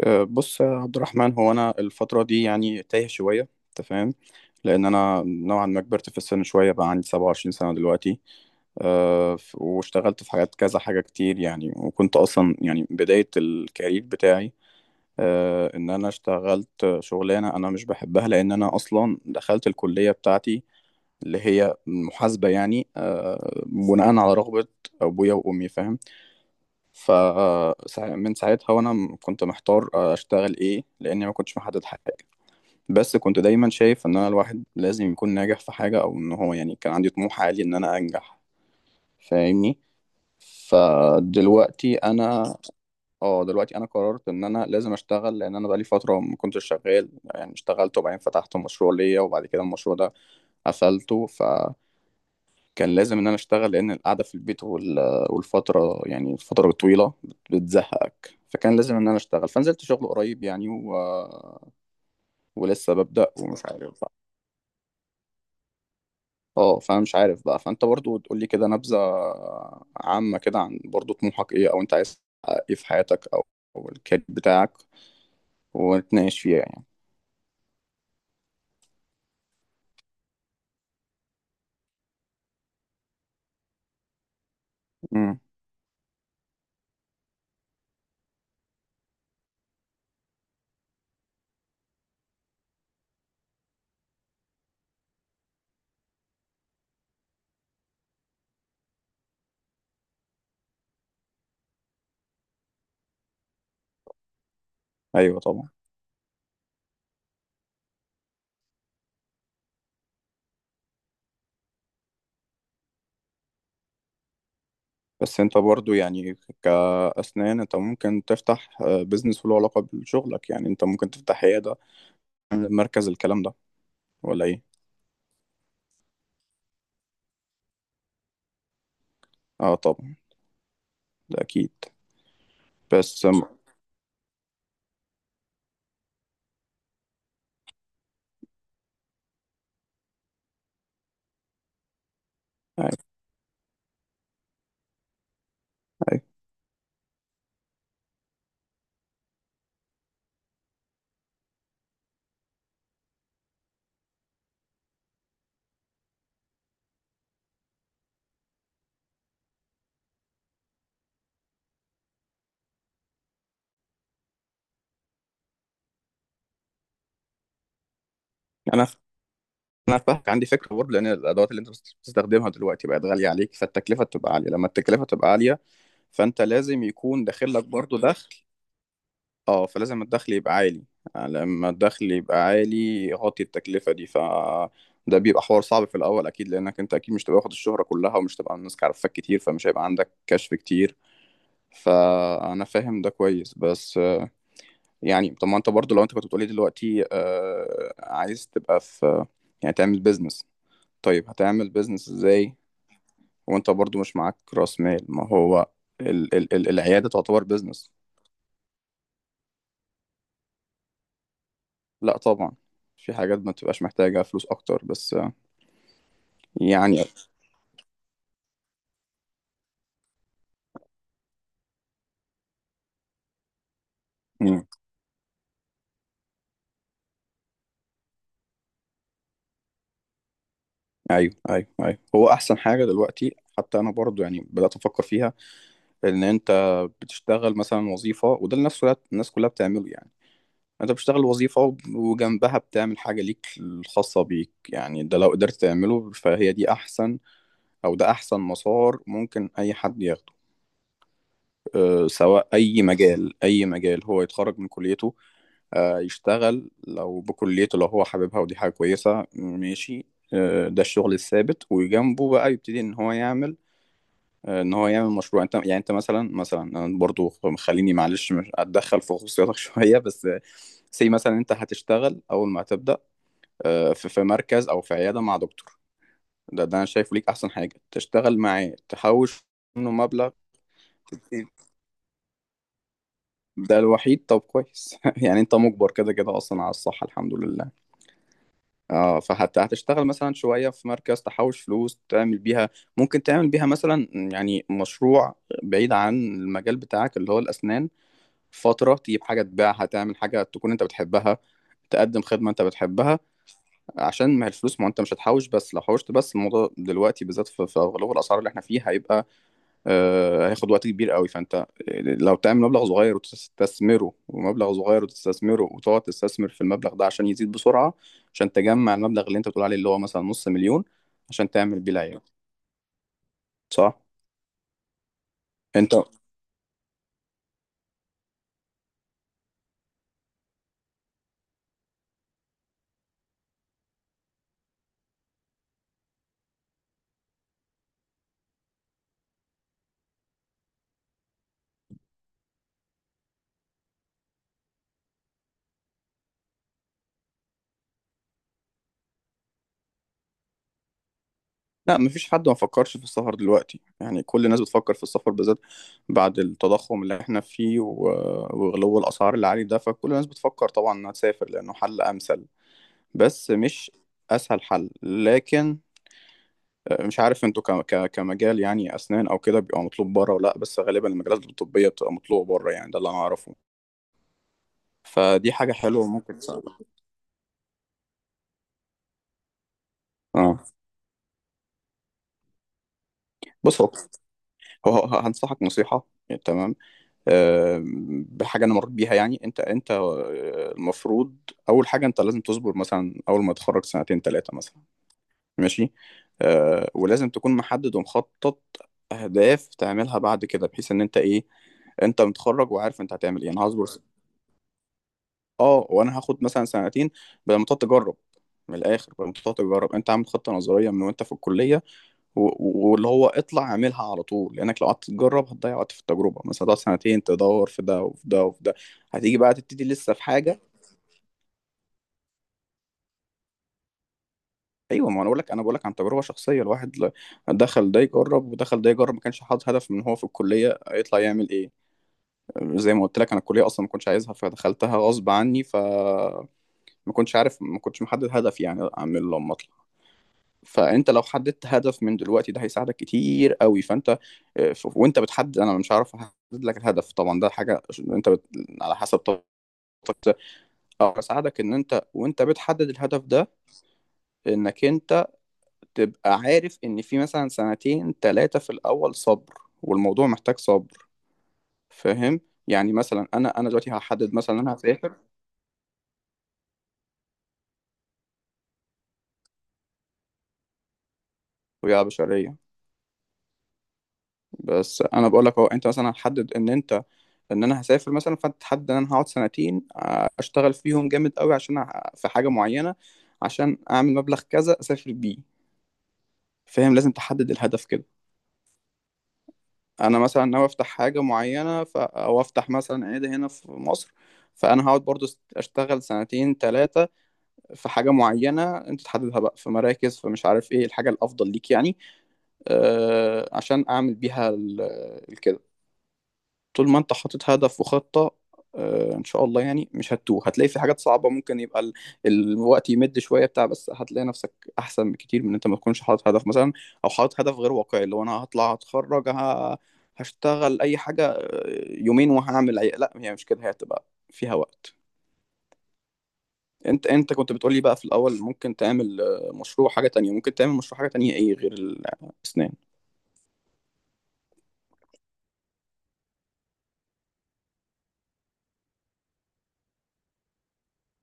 بص يا عبد الرحمن، هو انا الفتره دي يعني تايه شويه، انت فاهم؟ لان انا نوعا ما كبرت في السن شويه، بقى عندي 27 سنه دلوقتي. واشتغلت في حاجات كذا حاجه كتير يعني، وكنت اصلا يعني بدايه الكارير بتاعي، ان انا اشتغلت شغلانه انا مش بحبها، لان انا اصلا دخلت الكليه بتاعتي اللي هي محاسبه يعني بناء على رغبه ابويا وامي، فاهم؟ ف من ساعتها وانا كنت محتار اشتغل ايه، لاني ما كنتش محدد حاجه. بس كنت دايما شايف ان انا الواحد لازم يكون ناجح في حاجه، او ان هو يعني كان عندي طموح عالي ان انا انجح، فاهمني؟ فدلوقتي انا اه، دلوقتي انا قررت ان انا لازم اشتغل، لان انا بقالي فتره ما كنتش شغال يعني. اشتغلت وبعدين فتحت مشروع ليا، وبعد كده المشروع ده قفلته. كان لازم ان انا اشتغل، لان القعده في البيت والفتره يعني الفتره الطويله بتزهقك، فكان لازم ان انا اشتغل، فنزلت شغل قريب يعني ولسه ببدأ ومش عارف بقى. اه، فمش عارف بقى. فانت برضو تقول لي كده نبذه عامه كده عن برضو طموحك ايه، او انت عايز تحقق ايه في حياتك، او الكارير بتاعك، ونتناقش فيها يعني. امم ايوه طبعا. بس انت برضو يعني كأسنان، انت ممكن تفتح بيزنس له علاقة بشغلك، يعني انت ممكن تفتح عيادة، مركز، الكلام ده، ولا ايه؟ اه طبعا، ده اكيد. بس أم- أيوة، أيوة. انا انا فاهمك، عندي فكره برضه، لان الادوات اللي انت بتستخدمها دلوقتي بقت غاليه عليك، فالتكلفه بتبقى عاليه. لما التكلفه تبقى عاليه، فانت لازم يكون داخل لك برضه دخل، اه، فلازم الدخل يبقى عالي. لما الدخل يبقى عالي يغطي التكلفه دي. ده بيبقى حوار صعب في الاول اكيد، لانك انت اكيد مش تبقى واخد الشهره كلها، ومش تبقى الناس عارفاك كتير، فمش هيبقى عندك كشف كتير. فانا فاهم ده كويس، بس يعني طب، ما انت برضه لو انت كنت بتقولي دلوقتي آه عايز تبقى في، يعني تعمل بيزنس، طيب هتعمل بيزنس ازاي وانت برضه مش معاك راس مال؟ ما هو ال العيادة تعتبر بيزنس. لا طبعا، في حاجات ما بتبقاش محتاجة فلوس اكتر، بس يعني. مم. ايوه ايوه ايوه، هو احسن حاجة دلوقتي، حتى انا برضه يعني بدأت افكر فيها، ان انت بتشتغل مثلا وظيفة، وده اللي نفسه الناس كلها بتعمله يعني. انت بتشتغل وظيفة، وجنبها بتعمل حاجة ليك الخاصة بيك، يعني ده لو قدرت تعمله، فهي دي احسن، او ده احسن مسار ممكن اي حد ياخده. أه، سواء اي مجال، اي مجال هو يتخرج من كليته، أه يشتغل لو بكليته لو هو حاببها، ودي حاجة كويسة، ماشي. أه، ده الشغل الثابت، وجنبه بقى يبتدي ان هو يعمل، ان هو يعمل مشروع. انت يعني انت مثلا، انا برضو، خليني معلش مش اتدخل في خصوصياتك شويه، بس سي مثلا انت هتشتغل اول ما هتبدا، في مركز او في عياده مع دكتور. ده انا شايفه ليك احسن حاجه، تشتغل معاه، تحوش منه مبلغ. ده الوحيد، طب كويس يعني انت مجبر كده كده اصلا، على الصحه، الحمد لله. اه، فحتى هتشتغل مثلا شويه في مركز، تحوش فلوس تعمل بيها، ممكن تعمل بيها مثلا يعني مشروع بعيد عن المجال بتاعك اللي هو الاسنان، فتره تجيب حاجه تبيعها، تعمل حاجه تكون انت بتحبها، تقدم خدمه انت بتحبها، عشان ما هي الفلوس، ما انت مش هتحوش. بس لو حوشت، بس الموضوع دلوقتي بالذات في غلو الاسعار اللي احنا فيه، هيبقى، هياخد وقت كبير قوي. فانت لو تعمل مبلغ صغير وتستثمره، ومبلغ صغير وتستثمره، وتقعد تستثمر في المبلغ ده عشان يزيد بسرعة، عشان تجمع المبلغ اللي انت بتقول عليه، اللي هو مثلا نص مليون، عشان تعمل بيه العيار. صح انت لا، مفيش حد ما فكرش في السفر دلوقتي، يعني كل الناس بتفكر في السفر، بالذات بعد التضخم اللي احنا فيه، وغلو الأسعار اللي عليه ده، فكل الناس بتفكر طبعا إنها تسافر، لأنه حل أمثل. بس مش أسهل حل، لكن مش عارف انتوا كمجال يعني أسنان أو كده، بيبقى مطلوب بره ولا لأ، بس غالبا المجالات الطبية بتبقى مطلوبة بره، يعني ده اللي أنا أعرفه. فدي حاجة حلوة ممكن تساعدك. اه، بص، هنصحك نصيحة، تمام، بحاجه انا مريت بيها. يعني انت المفروض اول حاجه انت لازم تصبر، مثلا اول ما تتخرج 2 3 مثلا، ماشي. ولازم تكون محدد ومخطط اهداف تعملها بعد كده، بحيث ان انت ايه، انت متخرج وعارف انت هتعمل ايه. انا هصبر اه، وانا هاخد مثلا 2، بدل ما تقعد تجرب. من الاخر، بدل ما تقعد تجرب، انت عامل خطه نظريه من وانت في الكليه، واللي هو اطلع اعملها على طول، لانك لو قعدت تجرب هتضيع وقت في التجربه، مثلا هتقعد 2 تدور في ده وفي ده وفي ده، هتيجي بقى تبتدي لسه في حاجه. ايوه، ما انا بقول لك، عن تجربه شخصيه. الواحد دخل ده يجرب ودخل ده يجرب، ما كانش حاطط هدف من هو في الكليه يطلع يعمل ايه. زي ما قلت لك، انا الكليه اصلا ما كنتش عايزها، فدخلتها غصب عني، فما كنتش عارف، ما كنتش محدد هدف يعني اعمل لما اطلع. فانت لو حددت هدف من دلوقتي، ده هيساعدك كتير قوي. فانت وانت بتحدد، انا مش عارف احدد لك الهدف طبعا، ده حاجه انت على حسب طاقتك. أقدر اساعدك ان انت وانت بتحدد الهدف ده، انك انت تبقى عارف ان في مثلا 2 3 في الاول صبر، والموضوع محتاج صبر، فاهم؟ يعني مثلا انا دلوقتي هحدد مثلا إن انا هسافر، ويا بشريه. بس انا بقول لك اهو، انت مثلا هتحدد ان ان انا هسافر مثلا، فانت تحدد ان انا هقعد 2، اشتغل فيهم جامد قوي، عشان في حاجه معينه، عشان اعمل مبلغ كذا اسافر بيه. فاهم؟ لازم تحدد الهدف كده. انا مثلا ناوي افتح حاجه معينه، او افتح مثلا عياده هنا في مصر، فانا هقعد برضو اشتغل 2 3 في حاجه معينه انت تحددها بقى في مراكز، فمش عارف ايه الحاجه الافضل ليك يعني، عشان اعمل بيها الكده. طول ما انت حاطط هدف وخطة، ان شاء الله يعني مش هتتوه، هتلاقي في حاجات صعبة ممكن يبقى الوقت يمد شوية بتاع، بس هتلاقي نفسك احسن بكتير من ان انت ما تكونش حاطط هدف مثلا، او حاطط هدف غير واقعي، اللي هو انا هطلع هتخرج هشتغل اي حاجة يومين وهعمل لا، هي مش كده، هي هتبقى فيها وقت. انت كنت بتقولي بقى في الاول ممكن تعمل مشروع حاجة تانية، ممكن تعمل مشروع حاجة تانية، ايه غير الاسنان؟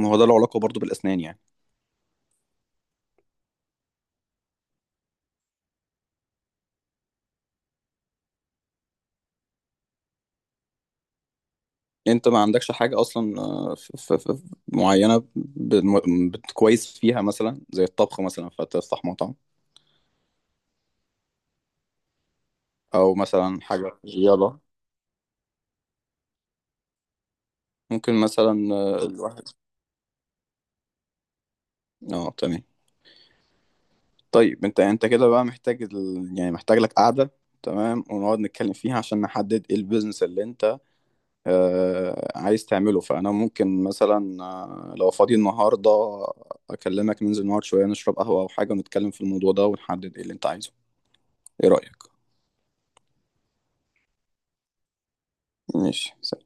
ما هو ده له علاقة برضه بالاسنان يعني. انت ما عندكش حاجة اصلا معينة كويس فيها، مثلا زي الطبخ مثلا، فتفتح مطعم، او مثلا حاجة، يلا. ممكن مثلا الواحد، اه تمام. طيب، انت كده بقى محتاج يعني محتاج لك قعدة، تمام، ونقعد نتكلم فيها عشان نحدد ايه البيزنس اللي انت آه عايز تعمله. فانا ممكن مثلا لو فاضي النهارده اكلمك، ننزل نقعد شوية نشرب قهوة او حاجة، ونتكلم في الموضوع ده ونحدد ايه اللي انت عايزه. ايه رأيك؟ ماشي.